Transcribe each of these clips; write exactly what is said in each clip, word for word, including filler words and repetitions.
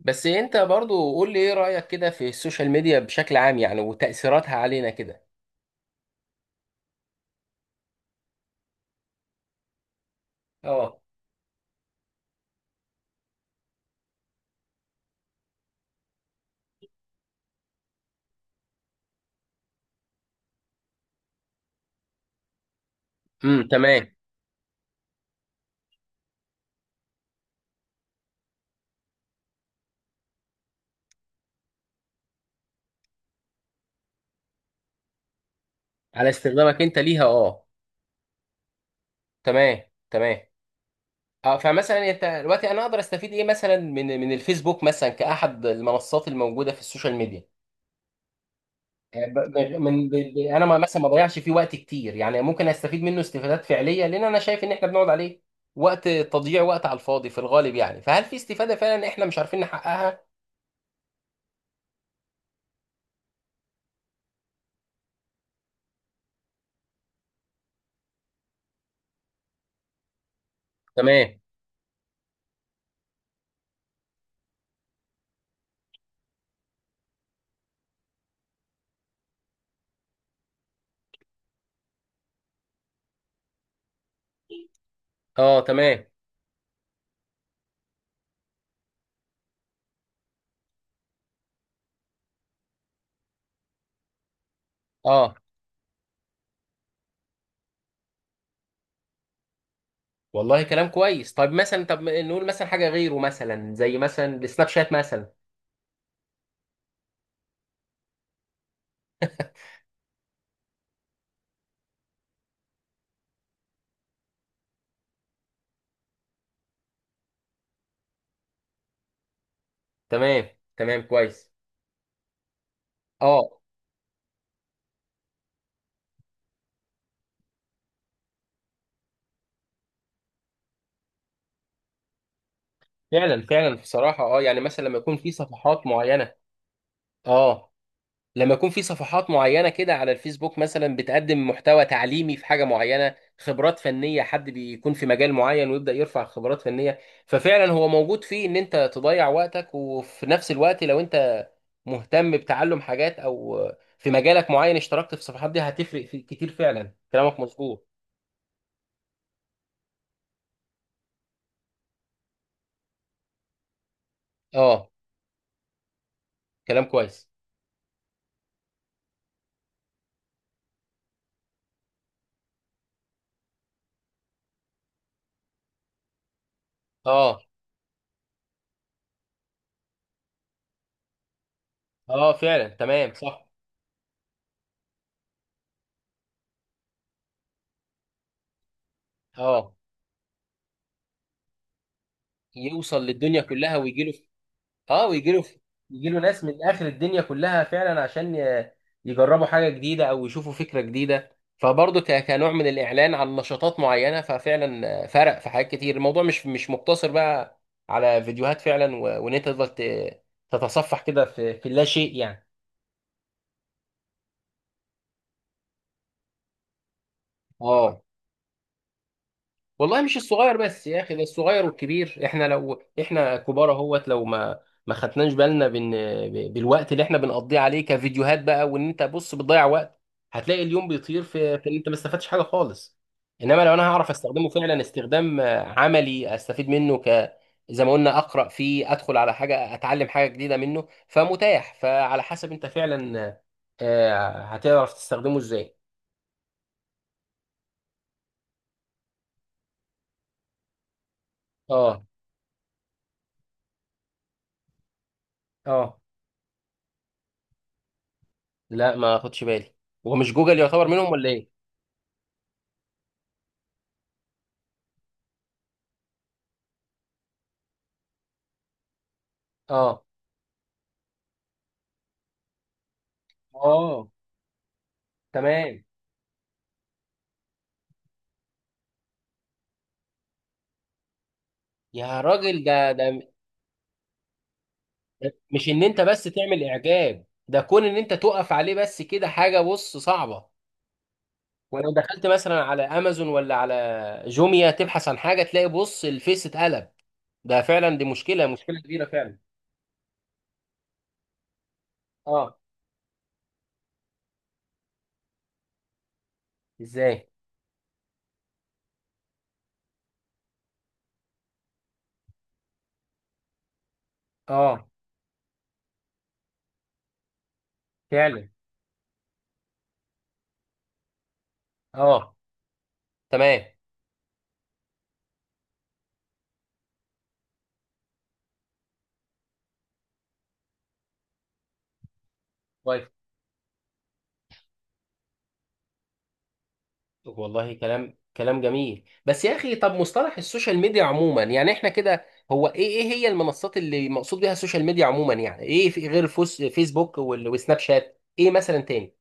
بس انت برضو قول لي ايه رأيك كده في السوشيال ميديا بشكل عام يعني وتأثيراتها علينا كده. اه. امم تمام. على استخدامك انت ليها، اه. تمام تمام. اه، فمثلا انت دلوقتي انا اقدر استفيد ايه مثلا من من الفيسبوك مثلا كأحد المنصات الموجودة في السوشيال ميديا. آه، ب- ب- من ب- ب- انا ما- مثلا ما بضيعش فيه وقت كتير يعني، ممكن استفيد منه استفادات فعلية، لان انا شايف ان احنا بنقعد عليه وقت تضييع وقت على الفاضي في الغالب يعني، فهل في استفادة فعلا احنا مش عارفين نحققها؟ تمام. اه. تمام. اه، والله كلام كويس. طيب مثلا، طب نقول مثلا حاجه غيره مثلا زي مثلا السناب شات مثلا. تمام تمام كويس. اه فعلا فعلا، بصراحه اه، يعني مثلا لما يكون في صفحات معينه، اه. لما يكون في صفحات معينة كده على الفيسبوك مثلا بتقدم محتوى تعليمي في حاجة معينة، خبرات فنية، حد بيكون في مجال معين ويبدأ يرفع خبرات فنية. ففعلا هو موجود فيه ان انت تضيع وقتك، وفي نفس الوقت لو انت مهتم بتعلم حاجات او في مجالك معين اشتركت في الصفحات دي هتفرق في كتير، فعلا كلامك مظبوط. اه، كلام كويس. اه. اه فعلا تمام صح. اه، يوصل للدنيا كلها ويجيله. اه، ويجي له، يجي له ناس من اخر الدنيا كلها فعلا عشان ي- يجربوا حاجه جديده او يشوفوا فكره جديده، فبرضه ك- كنوع من الاعلان عن نشاطات معينه، ففعلا فرق في حاجات كتير. الموضوع مش مش مقتصر بقى على فيديوهات فعلا، و- وان انت تفضل ت- تتصفح كده في في اللا شيء يعني. اه، والله مش الصغير بس يا اخي، ده الصغير والكبير، احنا لو احنا كبار اهوت لو ما ما خدناش بالنا بن... ب- بالوقت اللي احنا بنقضيه عليه كفيديوهات بقى، وان انت بص بتضيع وقت، هتلاقي اليوم بيطير في في ان انت ما استفدتش حاجه خالص. انما لو انا هعرف استخدمه فعلا استخدام آه، عملي استفيد منه، ك، زي ما قلنا، اقرا فيه، ادخل على حاجه، اتعلم حاجه جديده منه، فمتاح فعلى حسب انت فعلا، آه، آه، هتعرف تستخدمه ازاي. اه. اه، لا ما اخدش بالي. هو مش جوجل يعتبر منهم ولا ايه؟ اه. اه تمام. يا راجل ده ده ده مش ان انت بس تعمل اعجاب، ده كون ان انت تقف عليه بس كده حاجه بص صعبه. ولو دخلت مثلا على امازون ولا على جوميا تبحث عن حاجه، تلاقي بص الفيس اتقلب. ده فعلا، دي مشكله مشكله كبيره فعلا. اه. ازاي؟ اه. فعلا. اه تمام، والله كلام كلام جميل. بس يا اخي، طب مصطلح السوشيال ميديا عموما يعني احنا كده، هو ايه، ايه هي المنصات اللي مقصود بيها السوشيال ميديا عموما؟ يعني ايه في غير فوس فيسبوك وال- وسناب شات؟ ايه مثلا تاني؟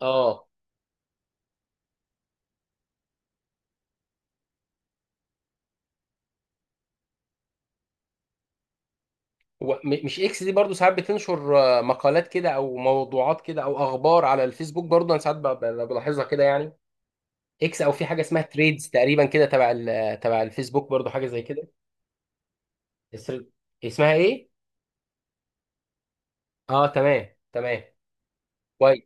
اه. هو م- مش اكس دي برضو ساعات بتنشر آه، مقالات كده او موضوعات كده او اخبار على الفيسبوك برضو؟ انا ساعات ب- ب- بلاحظها كده يعني. اكس، او في حاجه اسمها تريدز تقريبا كده تبع ال- تبع الفيسبوك برضو، حاجه زي كده. الثريد- اسمها ايه؟ اه تمام تمام كويس.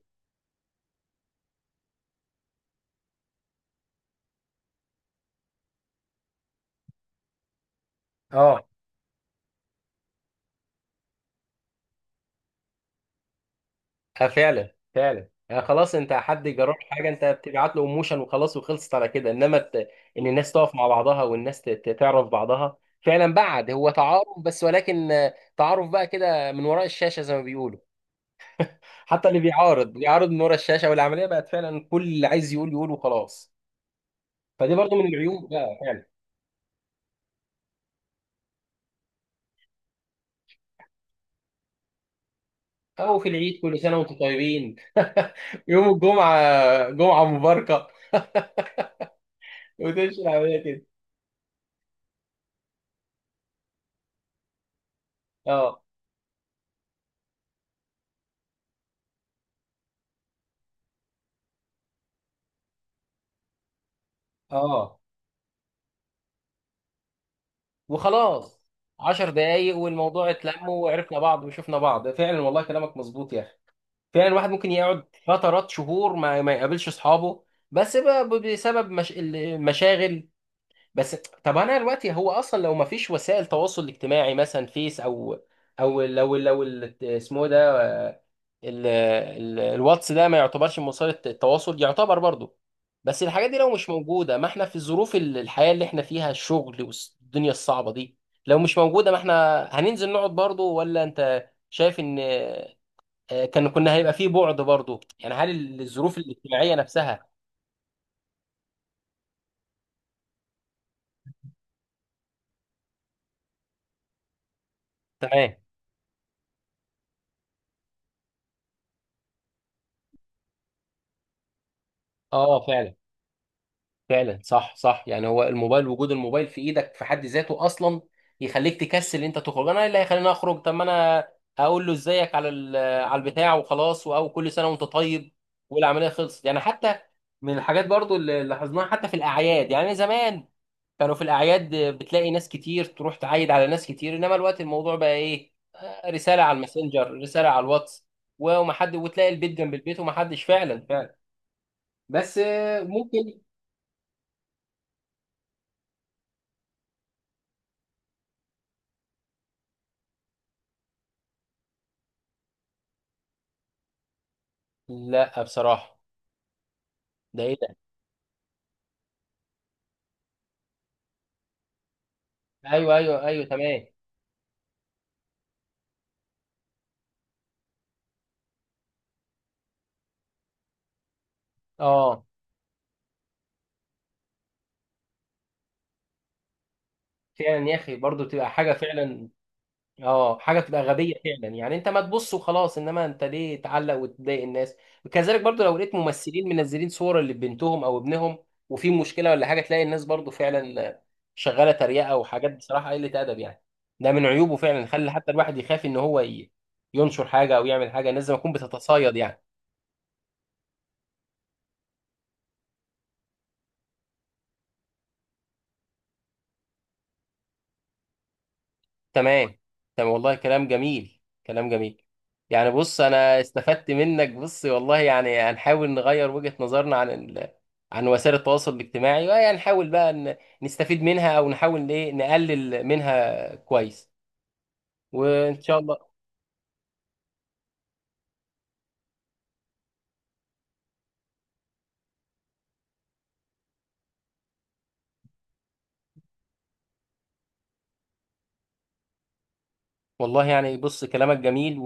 اه، آه، فعلا فعلا، يعني خلاص انت حد جرب حاجه، انت بتبعت له ايموشن وخلاص وخلصت على كده، انما ت... ان الناس تقف مع بعضها، والناس ت... ت- تعرف بعضها فعلا، بعد هو تعارف بس، ولكن آه، تعارف بقى كده من وراء الشاشه زي ما بيقولوا. حتى اللي بيعارض بيعارض من وراء الشاشه، والعمليه بقت فعلا كل اللي عايز يقول يقول وخلاص. فدي برضو من العيوب بقى فعلا. او في العيد، كل سنه وانتم طيبين، يوم الجمعه جمعه مباركه، وتمشي العمليه كده. اه. اه، وخلاص، عشر دقايق والموضوع اتلم وعرفنا بعض وشفنا بعض، فعلا والله كلامك مظبوط يا اخي. فعلا الواحد ممكن يقعد فترات شهور ما ما يقابلش اصحابه، بس بقى بسبب مش... المشاغل بس. طب انا دلوقتي، هو اصلا لو ما فيش وسائل تواصل اجتماعي مثلا فيس او، او لو لو ال- اسمه إيه ده، آه، ال- ال- الواتس ده ما يعتبرش من وسائل الت- التواصل؟ يعتبر برضه. بس الحاجات دي لو مش موجوده، ما احنا في ظروف ال- الحياه اللي احنا فيها، الشغل والدنيا الصعبه دي، لو مش موجوده ما احنا هننزل نقعد برضه، ولا انت شايف ان آه، كان كنا هيبقى فيه بعد برضه يعني؟ هل الظروف الاجتماعيه نفسها؟ تمام. اه فعلا. فعلا صح صح، يعني هو الموبايل، وجود الموبايل في ايدك في حد ذاته اصلا يخليك تكسل ان انت تخرج. انا إيه اللي هيخليني اخرج؟ طب ما انا هقول له ازيك على ال- على البتاع وخلاص، او كل سنه وانت طيب، والعمليه خلصت يعني. حتى من الحاجات برضو اللي لاحظناها حتى في الاعياد، يعني زمان كانوا في الاعياد بتلاقي ناس كتير تروح تعايد على ناس كتير، انما الوقت الموضوع بقى ايه، آه، رساله على الماسنجر، رساله على الواتس، ومحد، وتلاقي البيت جنب البيت ومحدش، فعلا فعلا. بس آه، ممكن. لا بصراحه، ده ايه ده؟ ايوه ايوه ايوه تمام. اه فعلا يا اخي، برضو بتبقى حاجه فعلا. اه، حاجه بتبقى غبيه فعلا يعني، انت ما تبص وخلاص، انما انت ليه تعلق وتضايق الناس؟ وكذلك برضو لو لقيت ممثلين منزلين صور لبنتهم او ابنهم وفي مشكله ولا حاجه، تلاقي الناس برضو فعلا شغاله تريقه وحاجات، بصراحه قله ادب يعني. ده من عيوبه فعلا، خلي حتى الواحد يخاف ان هو ي- ينشر حاجه او يعمل حاجه، الناس زي ما تكون بتتصايد يعني. تمام. تمام والله كلام جميل كلام جميل. يعني بص انا استفدت منك بص والله، يعني هنحاول نغير وجهة نظرنا عن ال... عن وسائل التواصل الاجتماعي، ويعني نحاول بقى ن... نستفيد منها، او نحاول ايه نقلل منها كويس، وان شاء الله. والله يعني بص كلامك جميل و...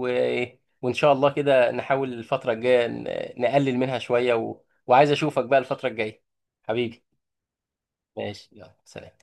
وان شاء الله كده نحاول الفترة الجاية ن... نقلل منها شوية و... وعايز اشوفك بقى الفترة الجاية حبيبي. ماشي، يلا سلام.